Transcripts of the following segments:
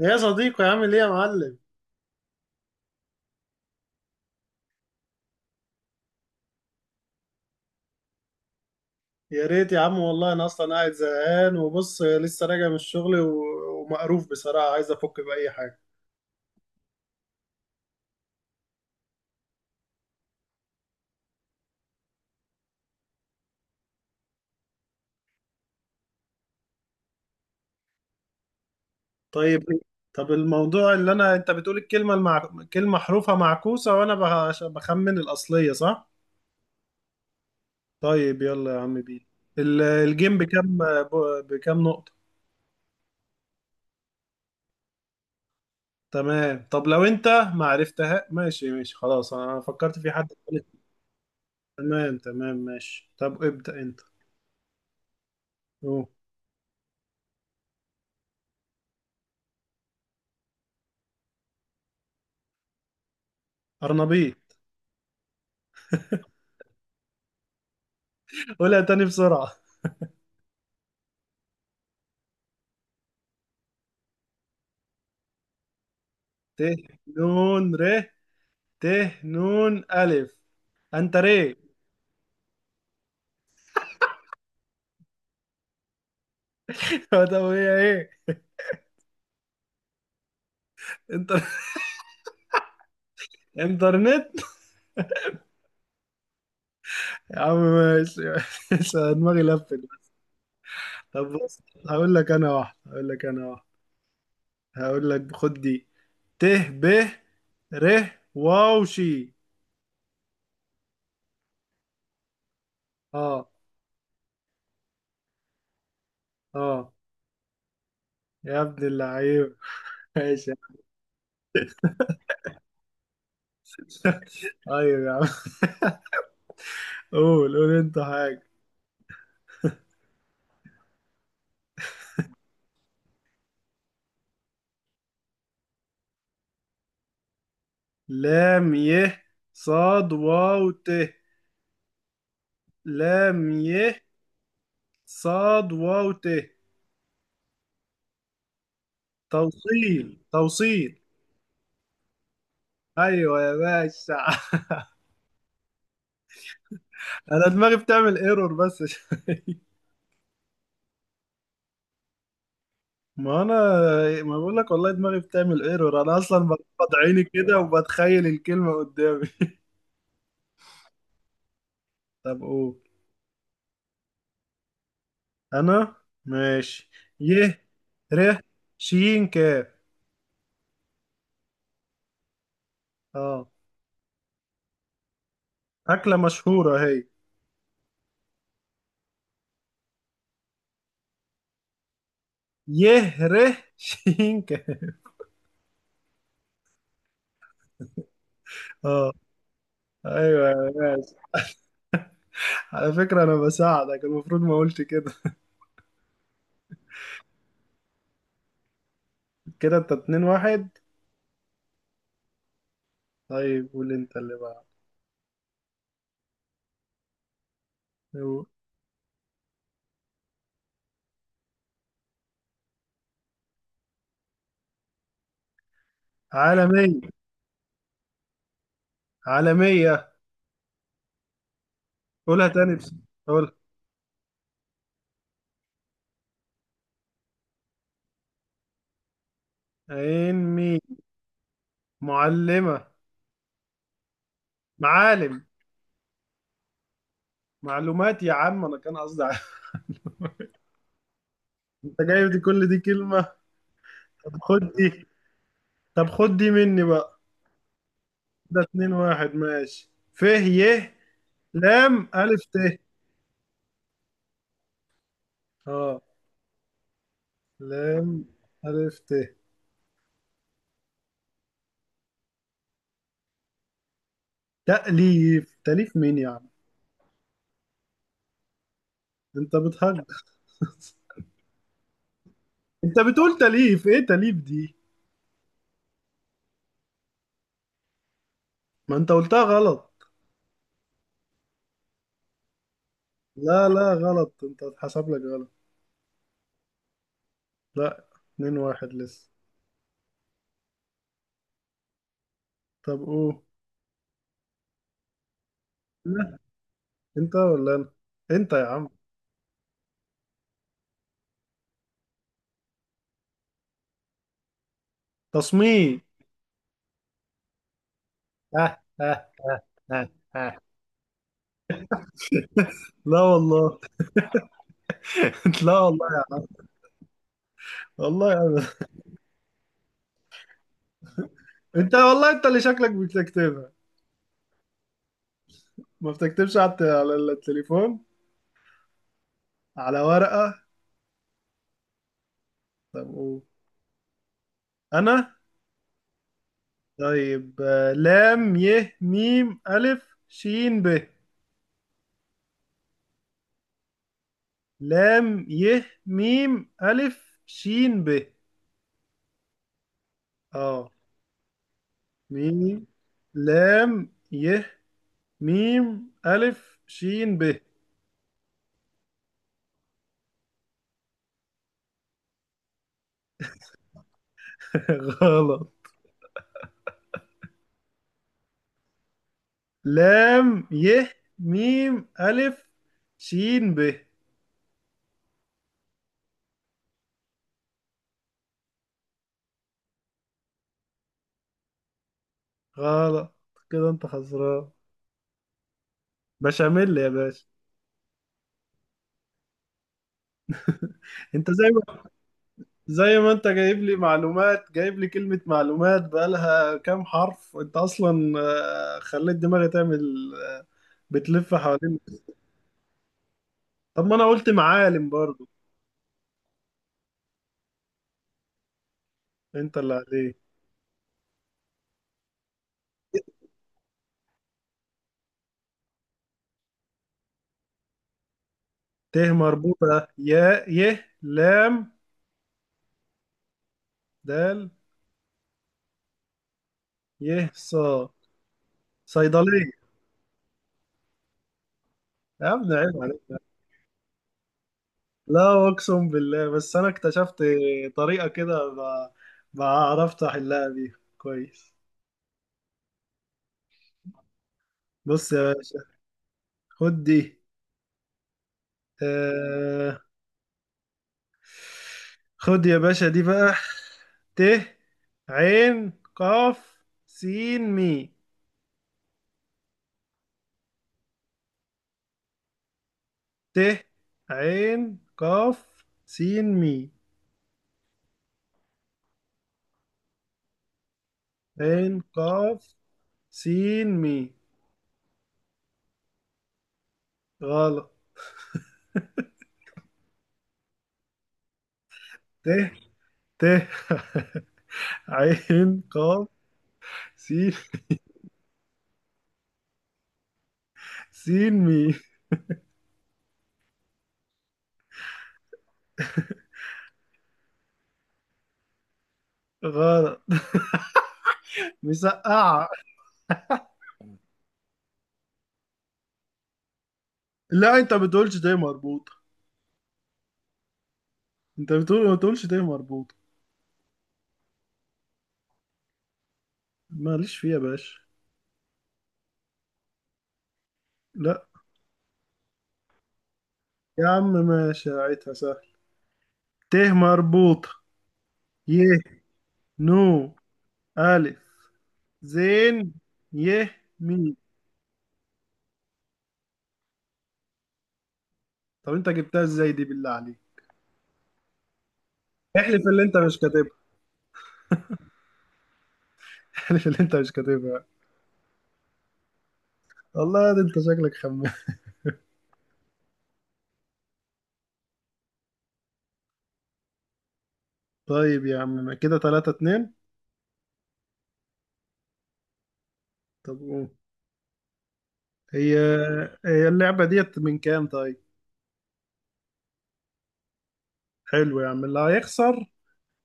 يا صديقي، عامل ايه يا معلم؟ يا ريت يا عم، والله انا اصلا قاعد زهقان، وبص لسه راجع من الشغل ومقروف بصراحه، عايز افك باي حاجه. طيب إيه؟ طب الموضوع اللي انت بتقول الكلمه كلمه حروفها معكوسه، وانا بخمن الاصليه، صح؟ طيب يلا يا عم بيه. الجيم بكام، بكام نقطه؟ تمام، طب لو انت ما عرفتها، ماشي ماشي خلاص، انا فكرت في حد تالت. تمام تمام، ماشي، طب ابدأ انت. اوه. ارنبيط. قولها تاني بسرعه. ت نون ر ت نون ألف. أنت ري. طب هي إيه؟ انت. انترنت. يا عم ماشي ماشي. أنا دماغي لفت. طب بص. هقول لك أنا واحدة، هقول لك أنا واحدة. هقول لك خد دي. ت ب ر واو شي. اه، اه. يا ابن اللعيب! ماشي يا عم. طيب يا عم، قول قول انت حاجة. لام ي صاد واو ت. لام ي صاد واو ت. توصيل، توصيل! ايوه يا باشا. انا دماغي بتعمل ايرور بس شوية. ما انا، ما بقول لك، والله دماغي بتعمل ايرور، انا اصلا بغمض عيني كده وبتخيل الكلمه قدامي. طب قول. انا. ماشي. ي ر ش ك. اه. اكله مشهوره هي؟ ي ر ش ك. اه. ايوه يا باشا، على فكره انا بساعدك، المفروض ما قلت كده. كده انت 2-1. طيب قول انت اللي بقى. عالمية. عالمية. قولها تاني بس، قول. عين مين. معلمة. معالم. معلومات؟ يا عم انا كان قصدي عالم. انت جايب دي، كل دي كلمة! طب خد دي. طب خد دي مني بقى. ده 2-1، ماشي، ف ي لام ألف ت. اه. لام ألف ت. تأليف. تأليف مين يا عم؟ انت بتهجر! انت بتقول تأليف، ايه تأليف دي؟ ما انت قلتها غلط! لا، لا، غلط، انت اتحسب لك غلط. لا، 2-1 لسه. طب قول. لا، انت ولا انا؟ انت يا عم. تصميم. ها ها ها ها ها. لا والله. لا والله. والله يا عم. انت، والله، انت اللي شكلك بتكتبها. ما بتكتبش على على التليفون؟ على ورقة؟ طب قول. انا. طيب، لام ي ميم الف شين ب. لام ي ميم الف شين ب. اه. ميم لام ي ميم ألف شين ب. غلط. لام ي ميم ألف شين ب. غلط، كده انت خسران. بشاميل يا باشا. انت زي ما انت جايب لي معلومات، جايب لي كلمة معلومات بقالها كام حرف، انت اصلا خليت دماغي تعمل بتلف حوالين. طب ما انا قلت معالم برضو. انت اللي عليك. ت مربوطة يا ي لام دال يه صا. صيدلية. يا ابني عيب عليك! لا، اقسم بالله، بس انا اكتشفت طريقة كده، بعرفت احلها بيها كويس. بص يا باشا، خد دي. آه خد يا باشا دي بقى. ت عين قاف سين مي. ت عين قاف سين مي. عين قاف سين مي. غلط. ت ت عين قاف سين. سين مي. غلط. مسقعة. لا، انت ما بتقولش ده مربوطة. انت بتقول ما تقولش ده مربوطة. ماليش فيها يا باشا. لا. يا عم ماشي، عيتها سهل. ت مربوطة. ي. نو. ألف. زين. ي. مي. طب انت جبتها ازاي دي، بالله عليك؟ احلف اللي انت مش كاتبها. احلف اللي انت مش كاتبها. والله ده انت شكلك خمام. طيب يا عم كده 3-2. طب قول. هي هي اللعبة ديت من كام طيب؟ حلو يا عم، اللي هيخسر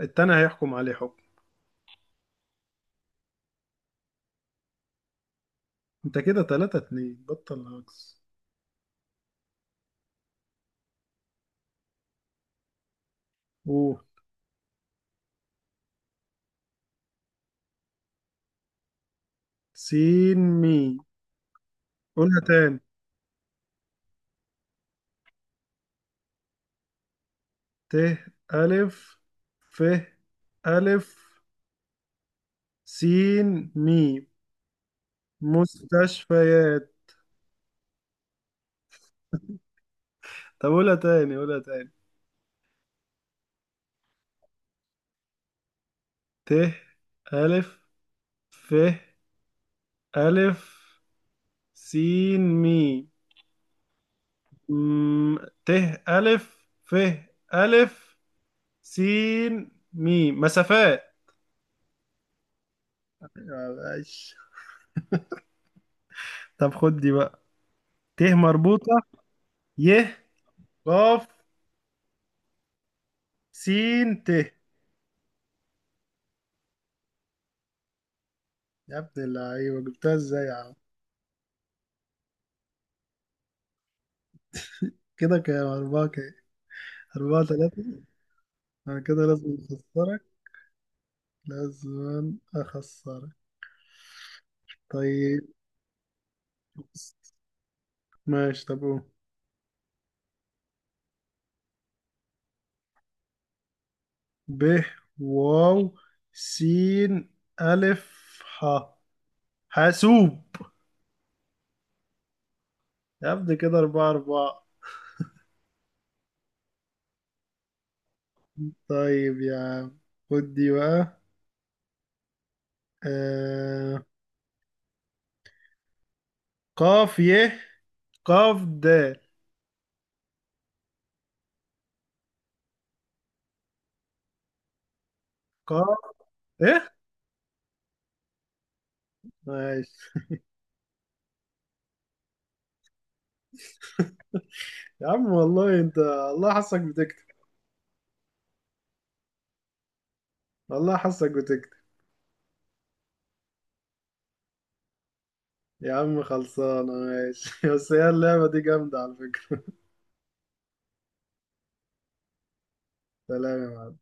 التاني هيحكم عليه حكم. انت كده 3-2، بطل هجص. اوه. سين مي. قولها تاني. ت ألف ف ألف سين مي. مستشفيات. طب قولها تاني، قولها تاني. ت ألف ف ألف سين مي. م- ت ألف ف ألف سين ميم. مسافات يا باشا. طب خد دي بقى. ت مربوطة. ي قاف سين ت. يا ابن اللعيبة، جبتها ازاي يا عم؟ كده كام، أربعة كام؟ 4-3. أنا كده لازم أخسرك. لازم أخسرك. طيب، ماشي. طب قول. ب واو سين ألف ح. حاسوب. يا ابني، كده 4-4. طيب يا عم، خد دي بقى. آه... قاف يه قاف د. قاف ايه؟ ماشي. يا عم والله، انت الله حاسك بتكتب. والله حاسك بتكتب. يا عم خلصانه، ماشي. بس هي اللعبه دي جامده على فكره. سلام يا معلم.